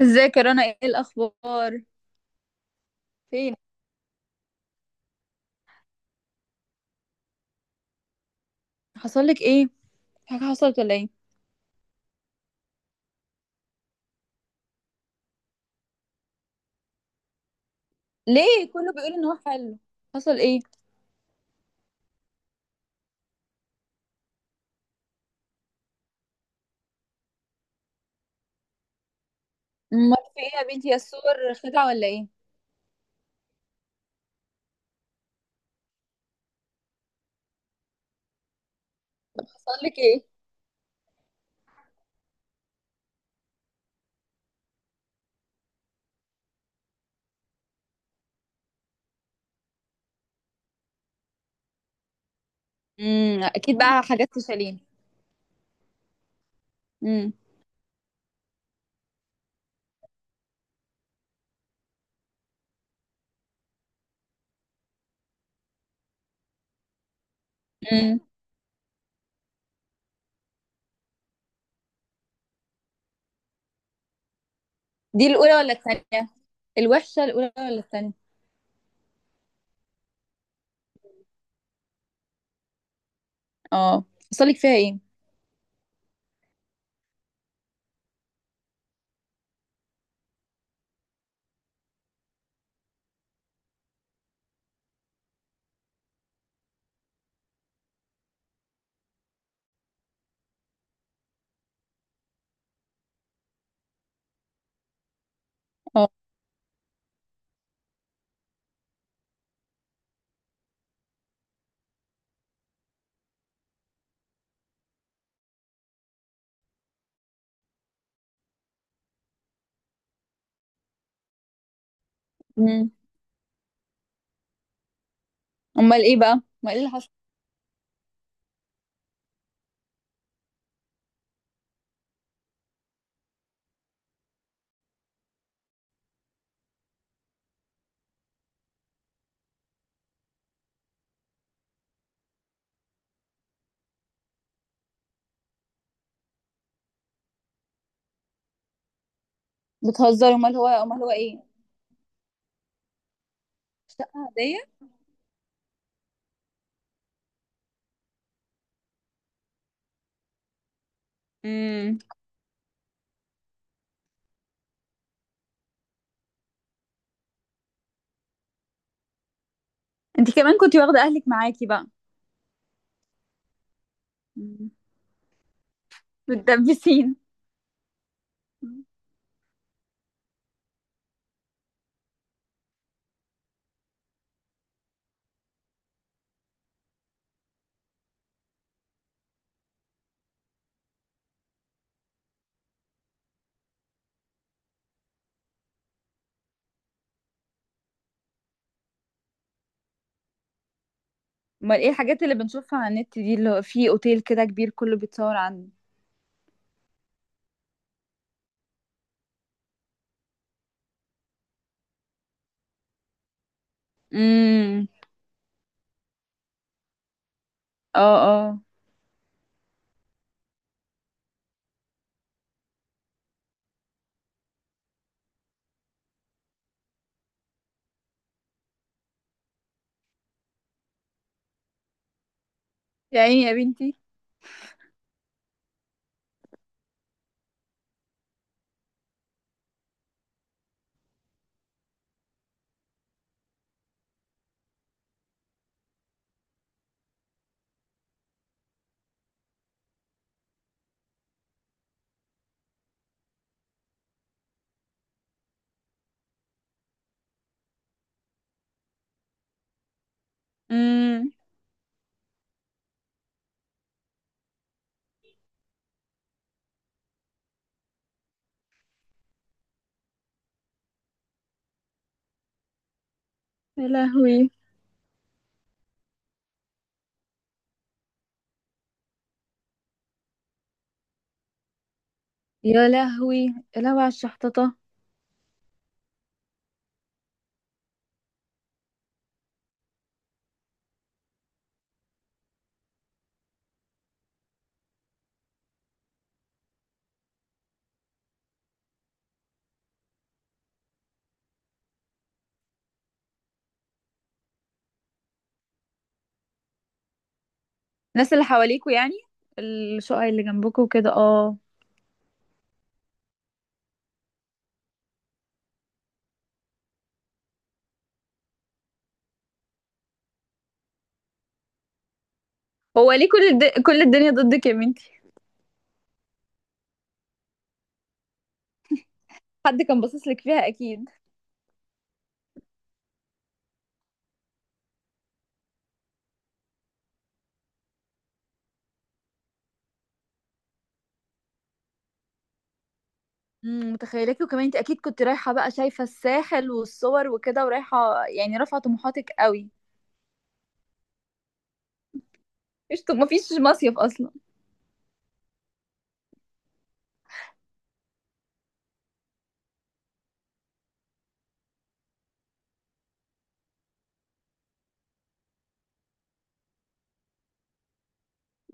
ازيك يا رنا؟ ايه الاخبار؟ فين؟ حصل لك ايه؟ في حاجه حصلت ولا ايه؟ ليه كله بيقول ان هو حلو؟ حصل ايه؟ امال في ايه يا بنتي؟ يا الصور خدعه ولا ايه؟ حصل لك ايه؟ اكيد بقى حاجات تشالين. امم. امم. دي الاولى ولا الثانيه؟ الوحشه الاولى ولا الثانيه؟ اه. حصل لك فيها ايه؟ اه. امم. امال ايه بقى؟ امال ايه اللي حصل؟ بتهزري؟ امال هو، امال هو ايه؟ شقه عاديه؟ امم. انت كمان كنتي واخده اهلك معاكي بقى؟ مم. بتدبسين؟ امال ايه الحاجات اللي بنشوفها على النت دي اللي هو في اوتيل كده كبير كله بيتصور عنه؟ امم. اه، اه. يا عيني يا بنتي. امم. يا لهوي. يا لهوي. يا لهوي على الشحططة. الناس اللي حواليكوا يعني، الشقق اللي جنبكوا وكده؟ اه. هو ليه كل الدنيا ضدك يا بنتي؟ حد كان باصص لك فيها اكيد. امم. متخيلاكي. وكمان انت اكيد كنت رايحه بقى شايفه الساحل والصور وكده، ورايحه يعني رافعه طموحاتك قوي. مفيش، مفيش مصيف اصلا؟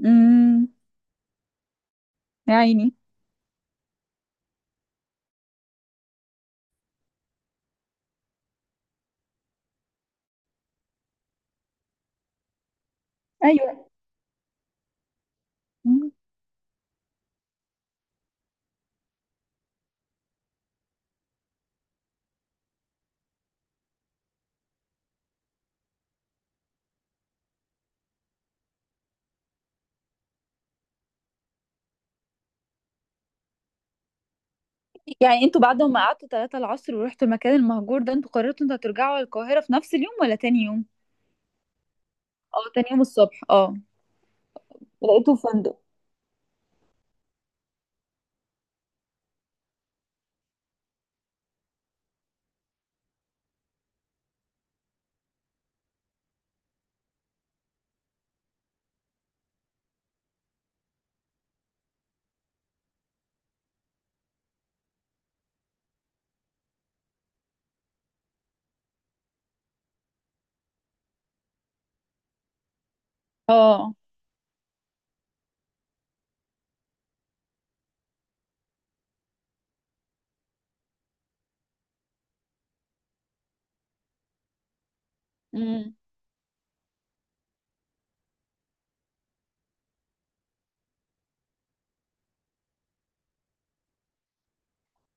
امم. يا عيني. ايوه. يعني انتوا بعد ما قعدتوا 3 العصر ورحتوا المكان المهجور ده، انتوا قررتوا انتوا هترجعوا القاهرة في نفس اليوم ولا تاني يوم؟ اه، تاني يوم الصبح؟ اه. لقيته فندق؟ اه. امم.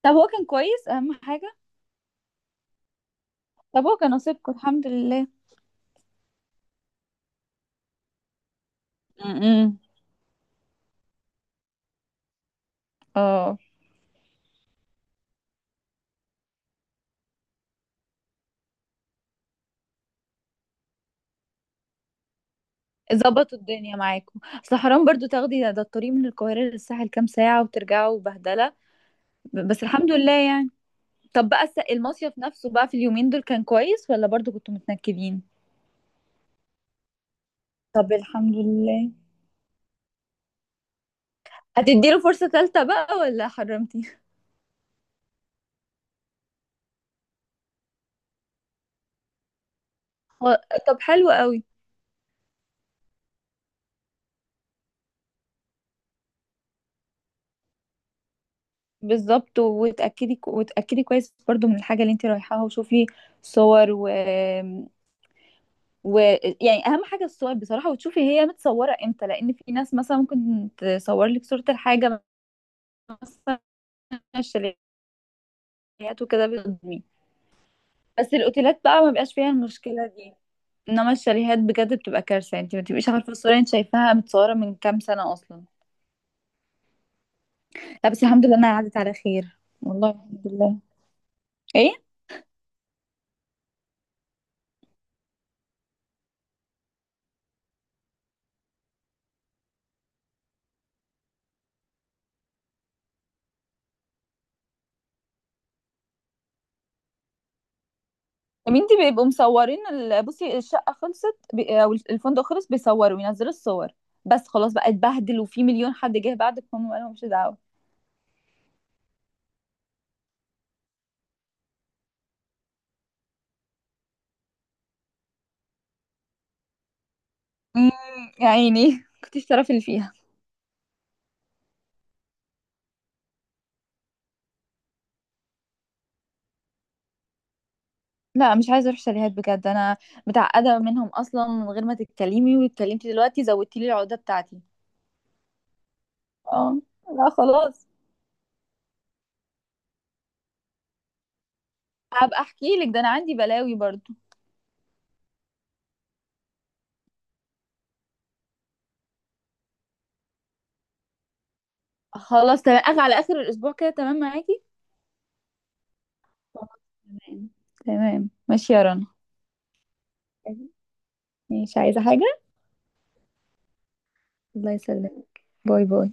طب هو كان كويس اهم حاجة. طب هو كان نصيبكم الحمد لله. امم. اه. ظبطوا الدنيا معاكم. اصل حرام برضو تاخدي ده، الطريق من القاهرة للساحل كام ساعة وترجعوا بهدلة. بس الحمد لله يعني. طب بقى المصيف نفسه بقى في اليومين دول كان كويس ولا برضو كنتوا متنكدين؟ طب الحمد لله. هتديله فرصة تالتة بقى ولا حرمتي؟ هو- طب حلو قوي. بالظبط. وتأكدي كويس برضو من الحاجة اللي انت رايحاها، وشوفي صور و... و يعني اهم حاجة الصور بصراحة، وتشوفي هي متصورة امتى، لان في ناس مثلا ممكن تصور لك صورة الحاجة، مثلا الشاليهات، وكده بتضمين. بس الاوتيلات بقى ما بيبقاش فيها المشكلة دي، انما الشاليهات بجد بتبقى كارثة. انت ما بتبقيش عارفة الصورة انت شايفاها متصورة من كام سنة اصلا. لا بس الحمد لله انها عدت على خير، والله الحمد لله. ايه؟ يا بنتي بيبقوا مصورين بصي الشقه خلصت، او الفندق خلص، بيصوروا وينزلوا الصور. بس خلاص بقى اتبهدل، وفي مليون حد جه بعدك، هم قالوا مش دعوه. امم. يا عيني كنتش تعرفي اللي فيها. لا مش عايزه اروح شاليهات بجد انا، متعقده منهم اصلا. من غير ما تتكلمي، واتكلمتي دلوقتي زودتي لي العقده بتاعتي. اه. لا خلاص. هبقى احكي لك، ده انا عندي بلاوي برضو. خلاص تمام. أخ، على اخر الاسبوع كده تمام معاكي. خلاص، تمام. تمام. ماشي يا رنا. ماشي، عايزه حاجه؟ الله يسلمك. باي باي.